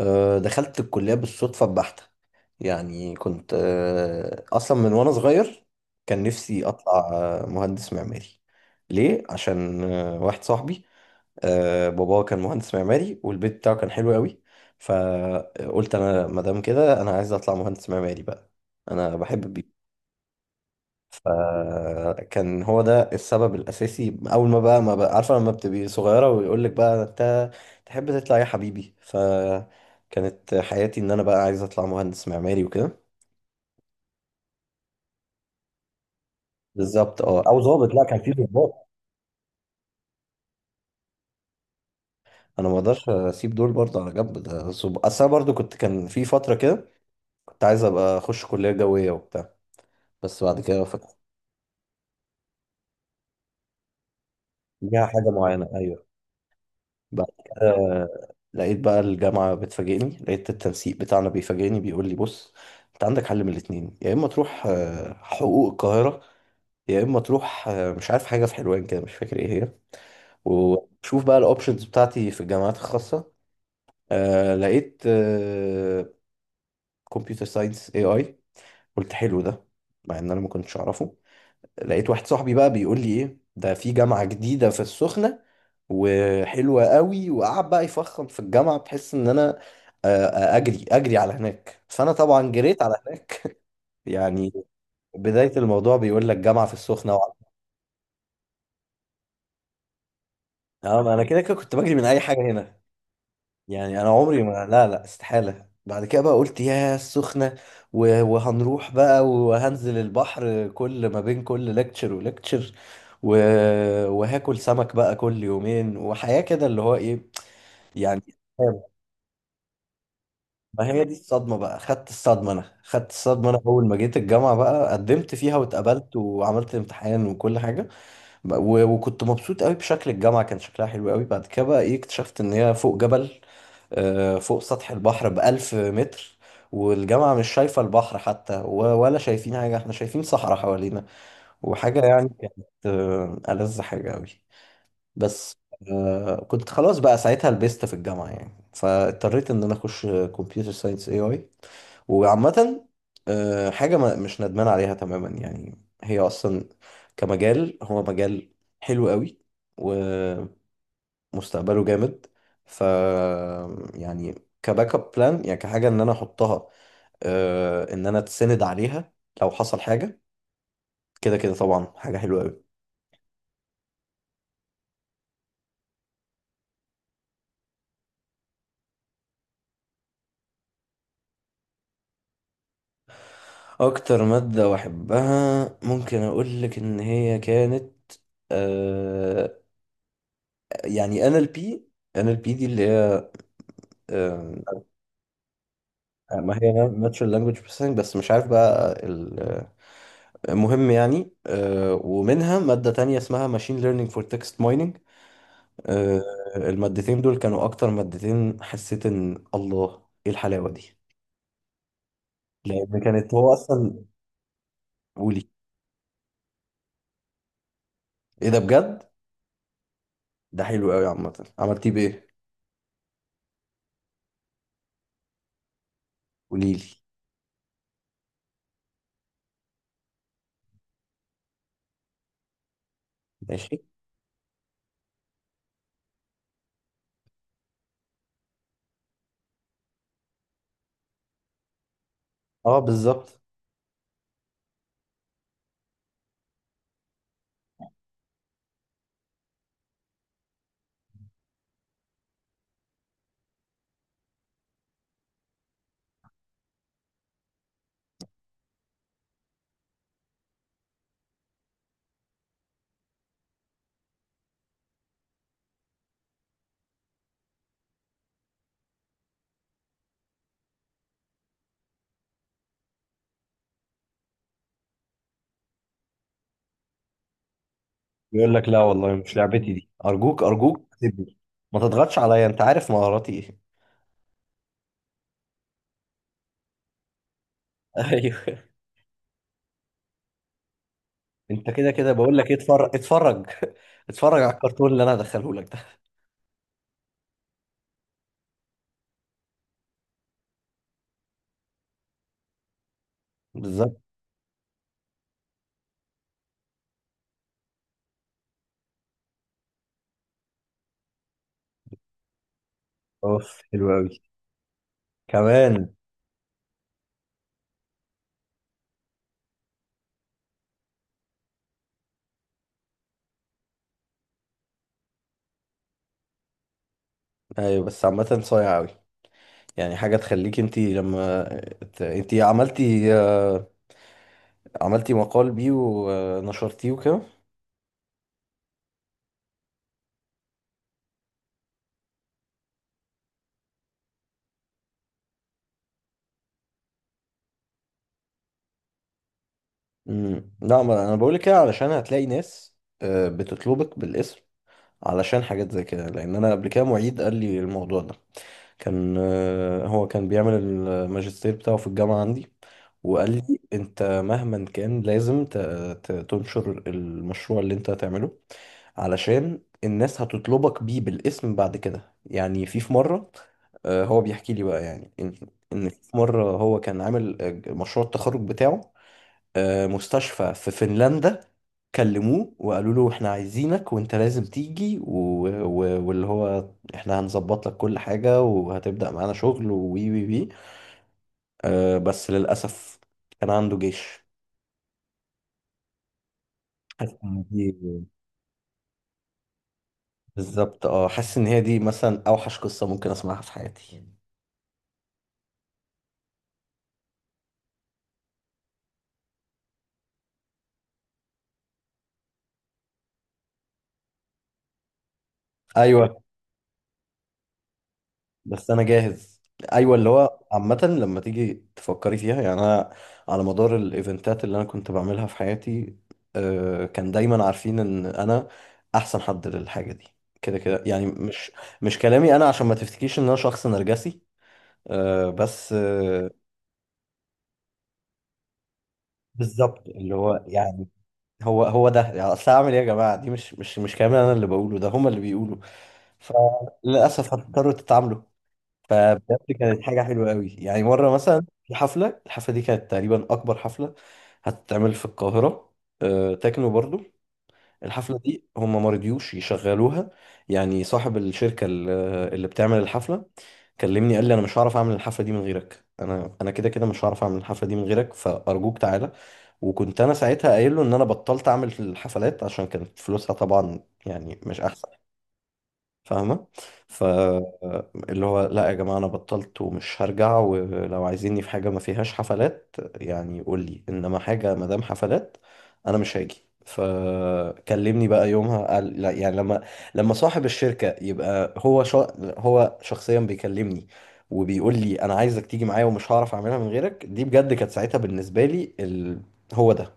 دخلت الكلية بالصدفة البحتة. يعني كنت أصلا من وأنا صغير كان نفسي أطلع مهندس معماري. ليه؟ عشان واحد صاحبي باباه كان مهندس معماري والبيت بتاعه كان حلو قوي. فقلت أنا مادام كده أنا عايز أطلع مهندس معماري بقى. أنا بحب. فكان هو ده السبب الأساسي. أول ما بقى عارفة لما بتبقي صغيرة ويقول لك بقى أنت تحب تطلع إيه يا حبيبي، فكانت حياتي إن أنا بقى عايز أطلع مهندس معماري وكده. بالظبط، أه، أو ضابط، لا كان في ضباط. أنا ما أقدرش أسيب دول برضه على جنب. ده أصل أنا برضه كنت، كان في فترة كده كنت عايز أبقى أخش كلية جوية وبتاع، بس بعد كده فكرت. ليها حاجة معينة، أيوه. بعد كده لقيت بقى الجامعة بتفاجئني، لقيت التنسيق بتاعنا بيفاجئني بيقول لي بص، انت عندك حل من الاتنين: يا اما تروح حقوق القاهرة، يا اما تروح مش عارف حاجة في حلوان كده مش فاكر ايه هي، وشوف بقى الاوبشنز بتاعتي في الجامعات الخاصة. لقيت كمبيوتر ساينس اي اي. قلت حلو ده، مع ان انا ما كنتش اعرفه. لقيت واحد صاحبي بقى بيقول لي ايه ده، في جامعة جديدة في السخنة وحلوة قوي، وقعد بقى يفخم في الجامعة بحيث ان انا اجري على هناك، فانا طبعا جريت على هناك. يعني بداية الموضوع بيقول لك جامعة في السخنة وعلى. اه، ما انا كده كده كنت بجري من اي حاجة هنا. يعني انا عمري ما، لا، استحالة. بعد كده بقى قلت يا السخنة، وهنروح بقى وهنزل البحر كل ما بين كل لكتشر ولكتشر و... وهاكل سمك بقى كل يومين وحياة كده اللي هو ايه يعني. ما هي دي الصدمة بقى، خدت الصدمة. انا خدت الصدمة انا اول ما جيت الجامعة بقى، قدمت فيها واتقبلت وعملت امتحان وكل حاجة، وكنت مبسوط قوي بشكل الجامعة، كان شكلها حلو قوي. بعد كده بقى ايه، اكتشفت ان هي فوق جبل، فوق سطح البحر بألف متر، والجامعة مش شايفة البحر حتى، ولا شايفين حاجة، احنا شايفين صحراء حوالينا وحاجة. يعني كانت ألذ حاجة قوي. بس كنت خلاص بقى ساعتها لبست في الجامعة يعني، فاضطريت ان انا اخش كمبيوتر ساينس اي اي. وعامة حاجة ما مش ندمان عليها تماما. يعني هي أصلا كمجال، هو مجال حلو قوي ومستقبله جامد. ف، يعني، كباك اب بلان، يعني كحاجة إن أنا أحطها، إن أنا أتسند عليها لو حصل حاجة. كده كده طبعا حاجة حلوة قوي. أكتر مادة بحبها ممكن أقول لك إن هي كانت آه، يعني NLP. NLP دي اللي هي ما هي ناتشورال لانجويج بروسيسنج، بس مش عارف بقى مهم يعني. ومنها مادة تانية اسمها ماشين ليرنينج فور تكست مايننج. المادتين دول كانوا أكتر مادتين حسيت إن الله إيه الحلاوة دي. لأن كانت هو أصلا، قولي. إيه ده بجد؟ ده حلو قوي. عامة، عملتيه بإيه؟ قوليلي. ماشي. أه، بالظبط. يقول لك لا والله مش لعبتي دي، أرجوك أرجوك سيبني، ما تضغطش عليا، أنت عارف مهاراتي إيه. أيوه. انت كده كده بقول لك اتفرج اتفرج. اتفرج على الكرتون اللي انا هدخله لك ده. بالظبط. اوف، حلو قوي كمان. ايوه، بس عامه صايع قوي. يعني حاجه تخليك انت لما انت عملتي، عملتي مقال بيه ونشرتيه وكده. امم، لا ما انا بقول لك كده علشان هتلاقي ناس بتطلبك بالاسم علشان حاجات زي كده. لان انا قبل كده معيد قال لي الموضوع ده. كان هو كان بيعمل الماجستير بتاعه في الجامعة عندي، وقال لي انت مهما كان لازم تنشر المشروع اللي انت هتعمله علشان الناس هتطلبك بيه بالاسم بعد كده. يعني في مرة هو بيحكي لي بقى يعني ان، إن في مرة هو كان عامل مشروع التخرج بتاعه مستشفى في فنلندا. كلموه وقالوا له احنا عايزينك وانت لازم تيجي و... و... واللي هو احنا هنظبط لك كل حاجة وهتبدأ معانا شغل، وي وي وي. بس للأسف كان عنده جيش. حاسس إن دي، بالظبط، اه حاسس ان هي دي مثلا اوحش قصة ممكن اسمعها في حياتي. ايوه، بس انا جاهز. ايوه، اللي هو عامه لما تيجي تفكري فيها يعني انا على مدار الايفنتات اللي انا كنت بعملها في حياتي كان دايما عارفين ان انا احسن حد للحاجه دي. كده كده يعني، مش مش كلامي انا، عشان ما تفتكيش ان انا شخص نرجسي. آه، بس آه، بالظبط. اللي هو يعني هو هو ده يعني، اصل اعمل ايه يا جماعه، دي مش كلامي انا اللي بقوله، ده هما اللي بيقولوا، فللاسف هتضطروا تتعاملوا. فبجد كانت حاجة حلوة قوي. يعني مرة مثلا في حفلة، الحفلة دي كانت تقريبا أكبر حفلة هتتعمل في القاهرة، تكنو برضو. الحفلة دي هم ما رضيوش يشغلوها. يعني صاحب الشركة اللي بتعمل الحفلة كلمني قال لي أنا مش هعرف أعمل الحفلة دي من غيرك، أنا كده كده مش هعرف أعمل الحفلة دي من غيرك فأرجوك تعالى. وكنت أنا ساعتها قايل له إن أنا بطلت أعمل الحفلات، عشان كانت فلوسها طبعا يعني مش أحسن. فاهمة. فاللي هو لا يا جماعة أنا بطلت ومش هرجع، ولو عايزيني في حاجة ما فيهاش حفلات يعني قول لي، إنما حاجة ما دام حفلات أنا مش هاجي. فكلمني بقى يومها قال، لا يعني لما، لما صاحب الشركة يبقى هو هو شخصيا بيكلمني وبيقول لي أنا عايزك تيجي معايا ومش هعرف أعملها من غيرك، دي بجد كانت ساعتها بالنسبة لي ال... هو ده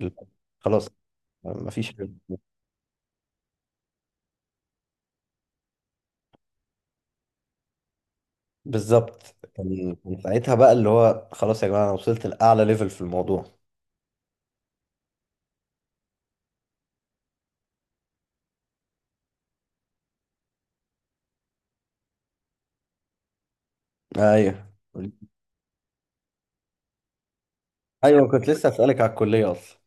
ال... خلاص، مفيش. بالظبط. كان ساعتها بقى اللي هو خلاص يا جماعة أنا وصلت لأعلى ليفل في الموضوع. أيوه. أيوه كنت لسه أسألك على الكلية أصلا.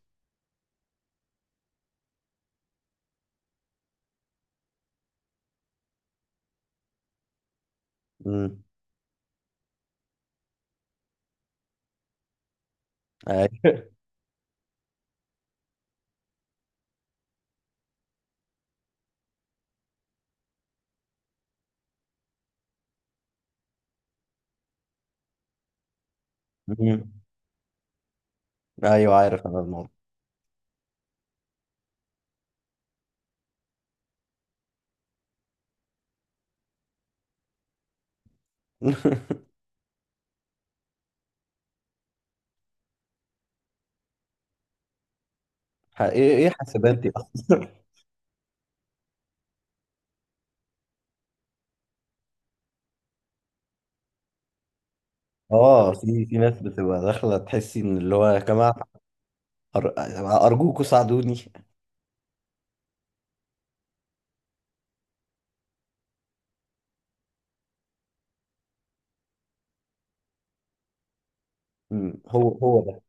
امم. أيوه. أمم. أيوه عارف أنا الموضوع. إيه إيه حاسبات دي أصلا؟ آه في في ناس بتبقى داخلة تحسي إن اللي هو يا جماعة أر- أرجوكوا ساعدوني. أمم، هو هو ده.